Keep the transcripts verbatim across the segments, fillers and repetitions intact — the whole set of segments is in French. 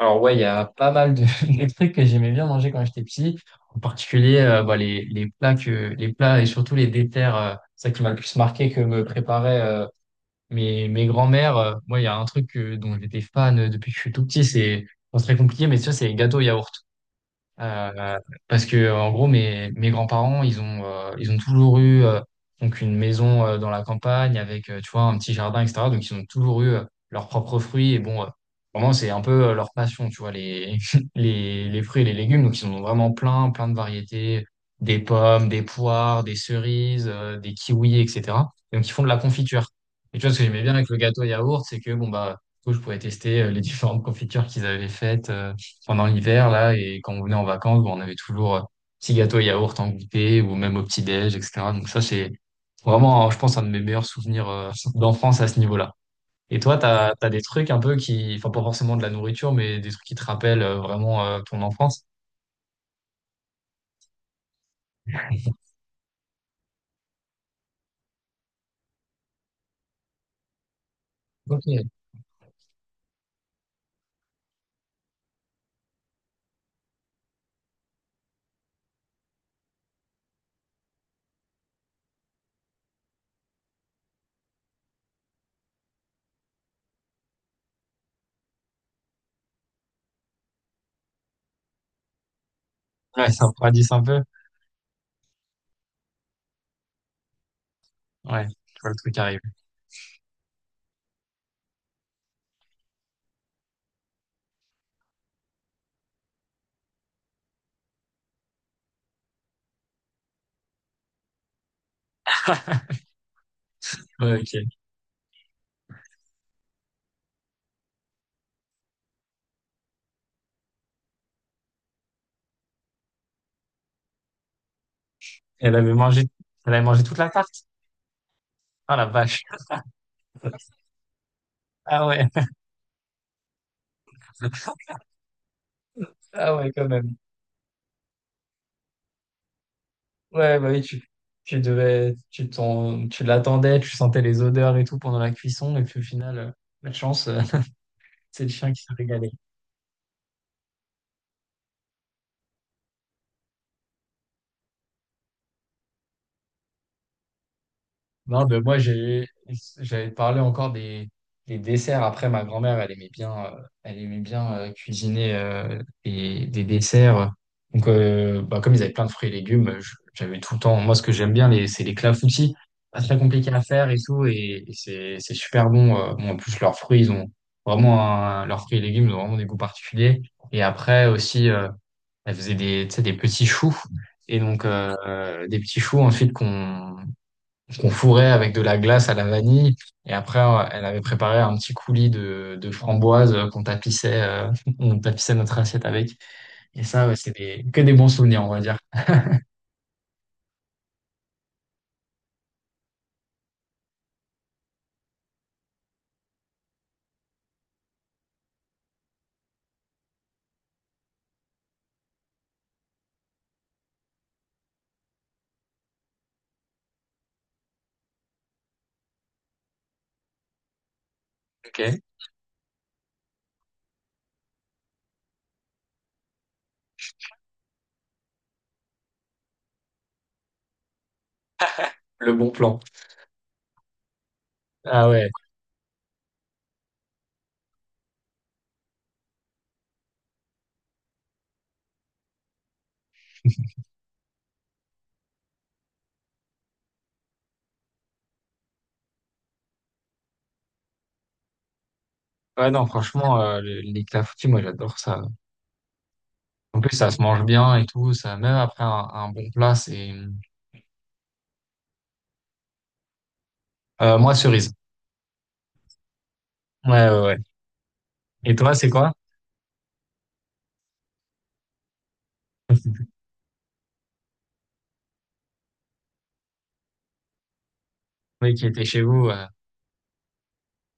Alors ouais, il y a pas mal de, de trucs que j'aimais bien manger quand j'étais petit. En particulier, euh, bah, les, les plats que, les plats et surtout les déterres, euh, ça qui m'a le plus marqué que me préparaient euh, mes, mes grands-mères. Euh, Moi, il y a un truc que- dont j'étais fan euh, depuis que je suis tout petit, c'est, bon, c'est très compliqué, mais ça, c'est les gâteaux yaourt. Euh, parce que euh, en gros mes, mes grands-parents, ils ont euh, ils ont toujours eu euh, donc une maison euh, dans la campagne avec, euh, tu vois, un petit jardin, et cetera. Donc ils ont toujours eu euh, leurs propres fruits. Et bon, euh, vraiment c'est un peu euh, leur passion, tu vois, les les les fruits et les légumes. Donc ils en ont vraiment plein plein de variétés: des pommes, des poires, des cerises, euh, des kiwis, et cetera. Donc ils font de la confiture. Et tu vois, ce que j'aimais bien avec le gâteau yaourt, c'est que bon bah, du coup, je pouvais tester euh, les différentes confitures qu'ils avaient faites euh, pendant l'hiver, là. Et quand on venait en vacances, bon, on avait toujours euh, petit gâteau et yaourt en goûter, ou même au petit-déj, et cetera. Donc ça, c'est vraiment, je pense, un de mes meilleurs souvenirs euh, d'enfance à ce niveau-là. Et toi, t'as, t'as des trucs un peu qui, enfin, pas forcément de la nourriture, mais des trucs qui te rappellent euh, vraiment euh, ton enfance? Ok. Ouais, ça me radisse un peu. Ouais, je vois le truc arrive. Ouais, ok. Elle avait mangé, elle avait mangé toute la tarte? Ah la vache. Ah ouais. Ah ouais, quand même. Ouais, bah oui, tu, tu devais, tu t'en, tu l'attendais, tu sentais les odeurs et tout pendant la cuisson, et puis au final, euh, pas de chance, euh, c'est le chien qui s'est régalé. Non, ben moi, j'ai, j'avais parlé encore des, des desserts. Après, ma grand-mère, elle aimait bien, euh, elle aimait bien euh, cuisiner euh, des, des desserts. Donc, euh, bah, comme ils avaient plein de fruits et légumes, je- j'avais tout le temps. Moi, ce que j'aime bien, les, c'est les clafoutis. Pas très compliqué à faire et tout. Et, et c'est, c'est super bon. euh. Bon, en plus, leurs fruits, ils ont vraiment un- leurs fruits et légumes, ils ont vraiment des goûts particuliers. Et après aussi, euh, elle faisait des, tu sais, des petits choux. Et donc, euh, des petits choux ensuite qu'on qu'on fourrait avec de la glace à la vanille. Et après, euh, elle avait préparé un petit coulis de, de framboises, euh, qu'on tapissait, euh, on tapissait notre assiette avec. Et ça, ouais, c'est des, que des bons souvenirs, on va dire. Ok, le bon plan. Ah ouais. Ouais, non, franchement, euh, le- les clafoutis, moi, j'adore ça. En plus, ça se mange bien et tout. Ça, même après un, un bon plat, c'est, euh, moi, cerise. Ouais, ouais, ouais. Et toi, c'est quoi? Oui, qui était chez vous. euh,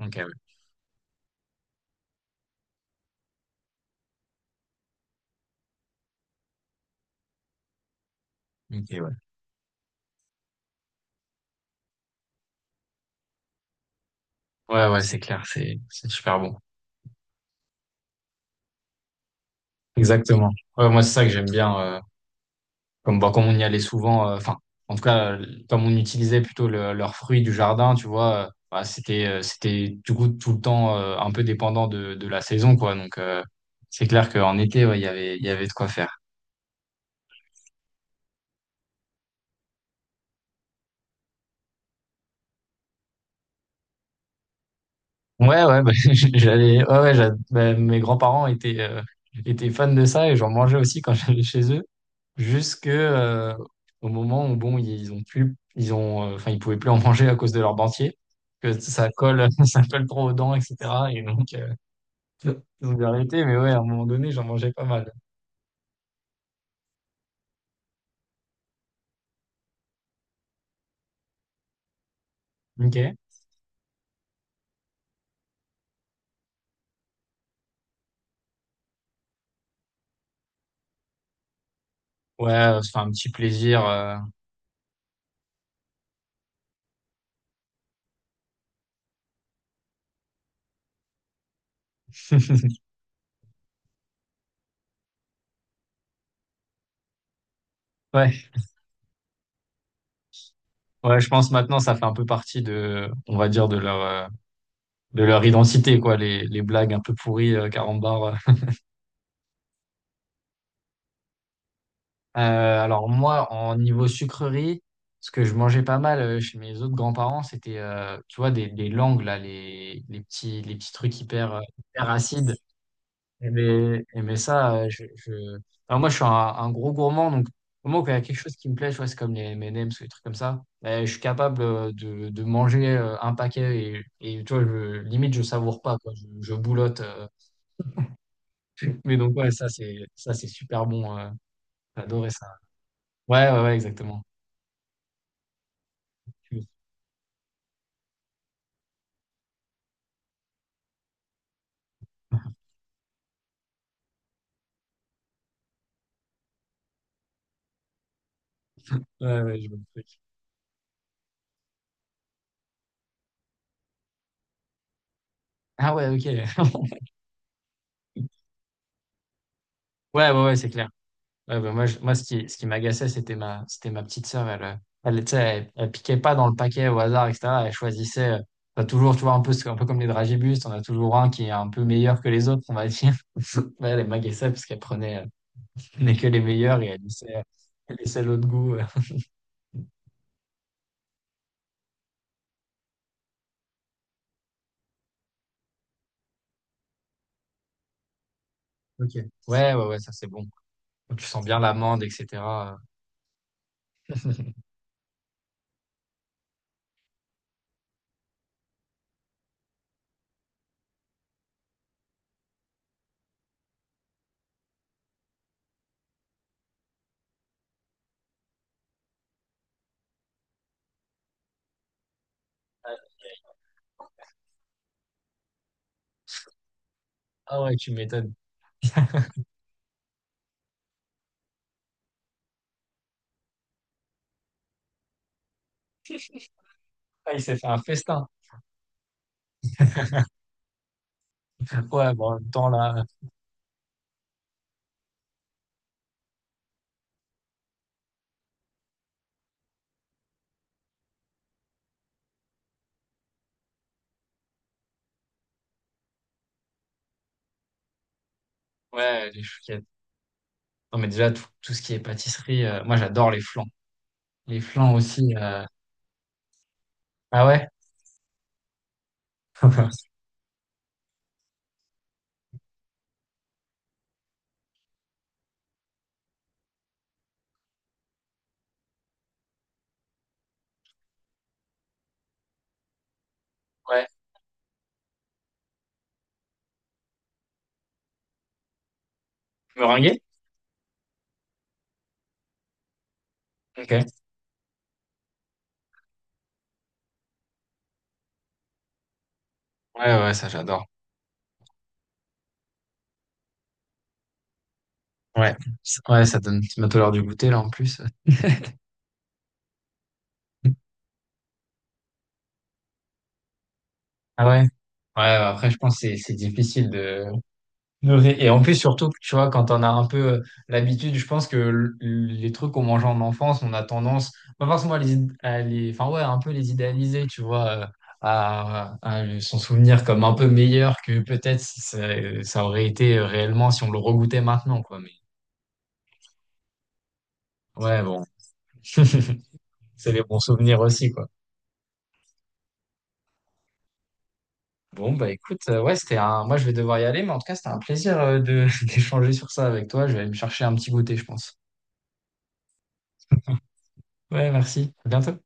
Ok, ouais. Ok, ouais. Ouais, ouais, c'est clair, c'est c'est super bon. Exactement. Ouais, moi, c'est ça que j'aime bien. euh, Comme, bah, comme on y allait souvent, euh, enfin, en tout cas, euh, comme on utilisait plutôt le- leurs fruits du jardin, tu vois, euh, bah, c'était, euh, c'était du coup tout le temps euh, un peu dépendant de, de la saison, quoi. Donc, euh, c'est clair qu'en été, ouais, il y avait, il y avait de quoi faire. Ouais, ouais, bah, j'allais, ouais, ouais, j'a- bah, mes grands-parents étaient, euh, étaient fans de ça et j'en mangeais aussi quand j'allais chez eux, jusque, euh, au moment où, bon, ils ont plus, ils ont, euh, enfin, ils pouvaient plus en manger à cause de leur dentier, que ça colle, ça colle trop aux dents, et cetera. Et donc, euh, vous arrêtez, mais ouais, à un moment donné, j'en mangeais pas mal. Ok. Ouais, euh, c'est un petit plaisir. euh, Ouais, ouais, je pense maintenant ça fait un peu partie de, on va dire, de leur, euh, de leur identité quoi, les, les blagues un peu pourries euh, carambar. euh. Euh, alors moi, en niveau sucrerie, ce que je mangeais pas mal euh, chez mes autres grands-parents, c'était, euh, tu vois, des, des langues là, les, les petits, les petits trucs hyper, euh, hyper acides. Eh ben, eh ben ça, euh, je, je- alors moi, je suis un, un gros gourmand. Donc au moment où il y a quelque chose qui me plaît, je vois, c'est comme les M et M's ou des trucs comme ça, eh, je suis capable euh, de, de manger euh, un paquet. Et, et tu vois, je- limite, je savoure pas, quoi, je, je boulotte. euh. Mais donc, ouais, ça, c'est ça, c'est super bon. euh, J'ai adoré ça. Ouais, ouais, ouais, exactement. Ouais, ouais, je vois le truc. Ah ouais, ok. Ouais, ouais, ouais, c'est clair. Ouais, bah, moi, je- moi, ce qui, ce qui m'agaçait, c'était ma, c'était ma petite sœur. Elle, euh, elle, tu sais, elle, elle piquait pas dans le paquet au hasard, et cetera. Elle choisissait, euh, t'as toujours, tu vois, un peu, un peu comme les dragibus, t'en as toujours un qui est un peu meilleur que les autres, on va dire. Ouais, Elle, m'agaçait parce qu'elle prenait, euh, prenait que les meilleurs, et elle laissait, elle laissait l'autre goût. euh. Ok. Ouais, ouais, ouais, ça c'est bon. Tu sens bien l'amande, et cetera Ah ouais, tu m'étonnes. Ah, il s'est fait un festin. Ouais, bon, en même temps, là. Ouais, les chouquettes. Non, mais déjà, tout, tout ce qui est pâtisserie, euh, moi, j'adore les flancs. Les flancs aussi. euh, Ah ouais? Ouais. Meringué? Ok. Ouais, ouais, ça j'adore. Ouais. Ouais, ça donne bientôt l'heure du goûter là en plus. Ah ouais? Ouais, bah, après je pense que c'est c'est difficile de... de ré- Et en plus surtout, tu vois, quand on a un peu euh, l'habitude, je pense que l- les trucs qu'on mangeait en enfance, on a tendance, pas forcément à les, id- à les... Enfin ouais, un peu les idéaliser, tu vois, euh, à, à le- s'en souvenir comme un peu meilleur que peut-être ça, ça aurait été réellement si on le regoûtait maintenant, quoi. Mais ouais, bon. C'est les bons souvenirs aussi, quoi. Bon, bah écoute, euh, ouais, c'était un... Moi, je vais devoir y aller, mais en tout cas, c'était un plaisir euh, de d'échanger sur ça avec toi. Je vais aller me chercher un petit goûter, je pense. Ouais, merci. À bientôt.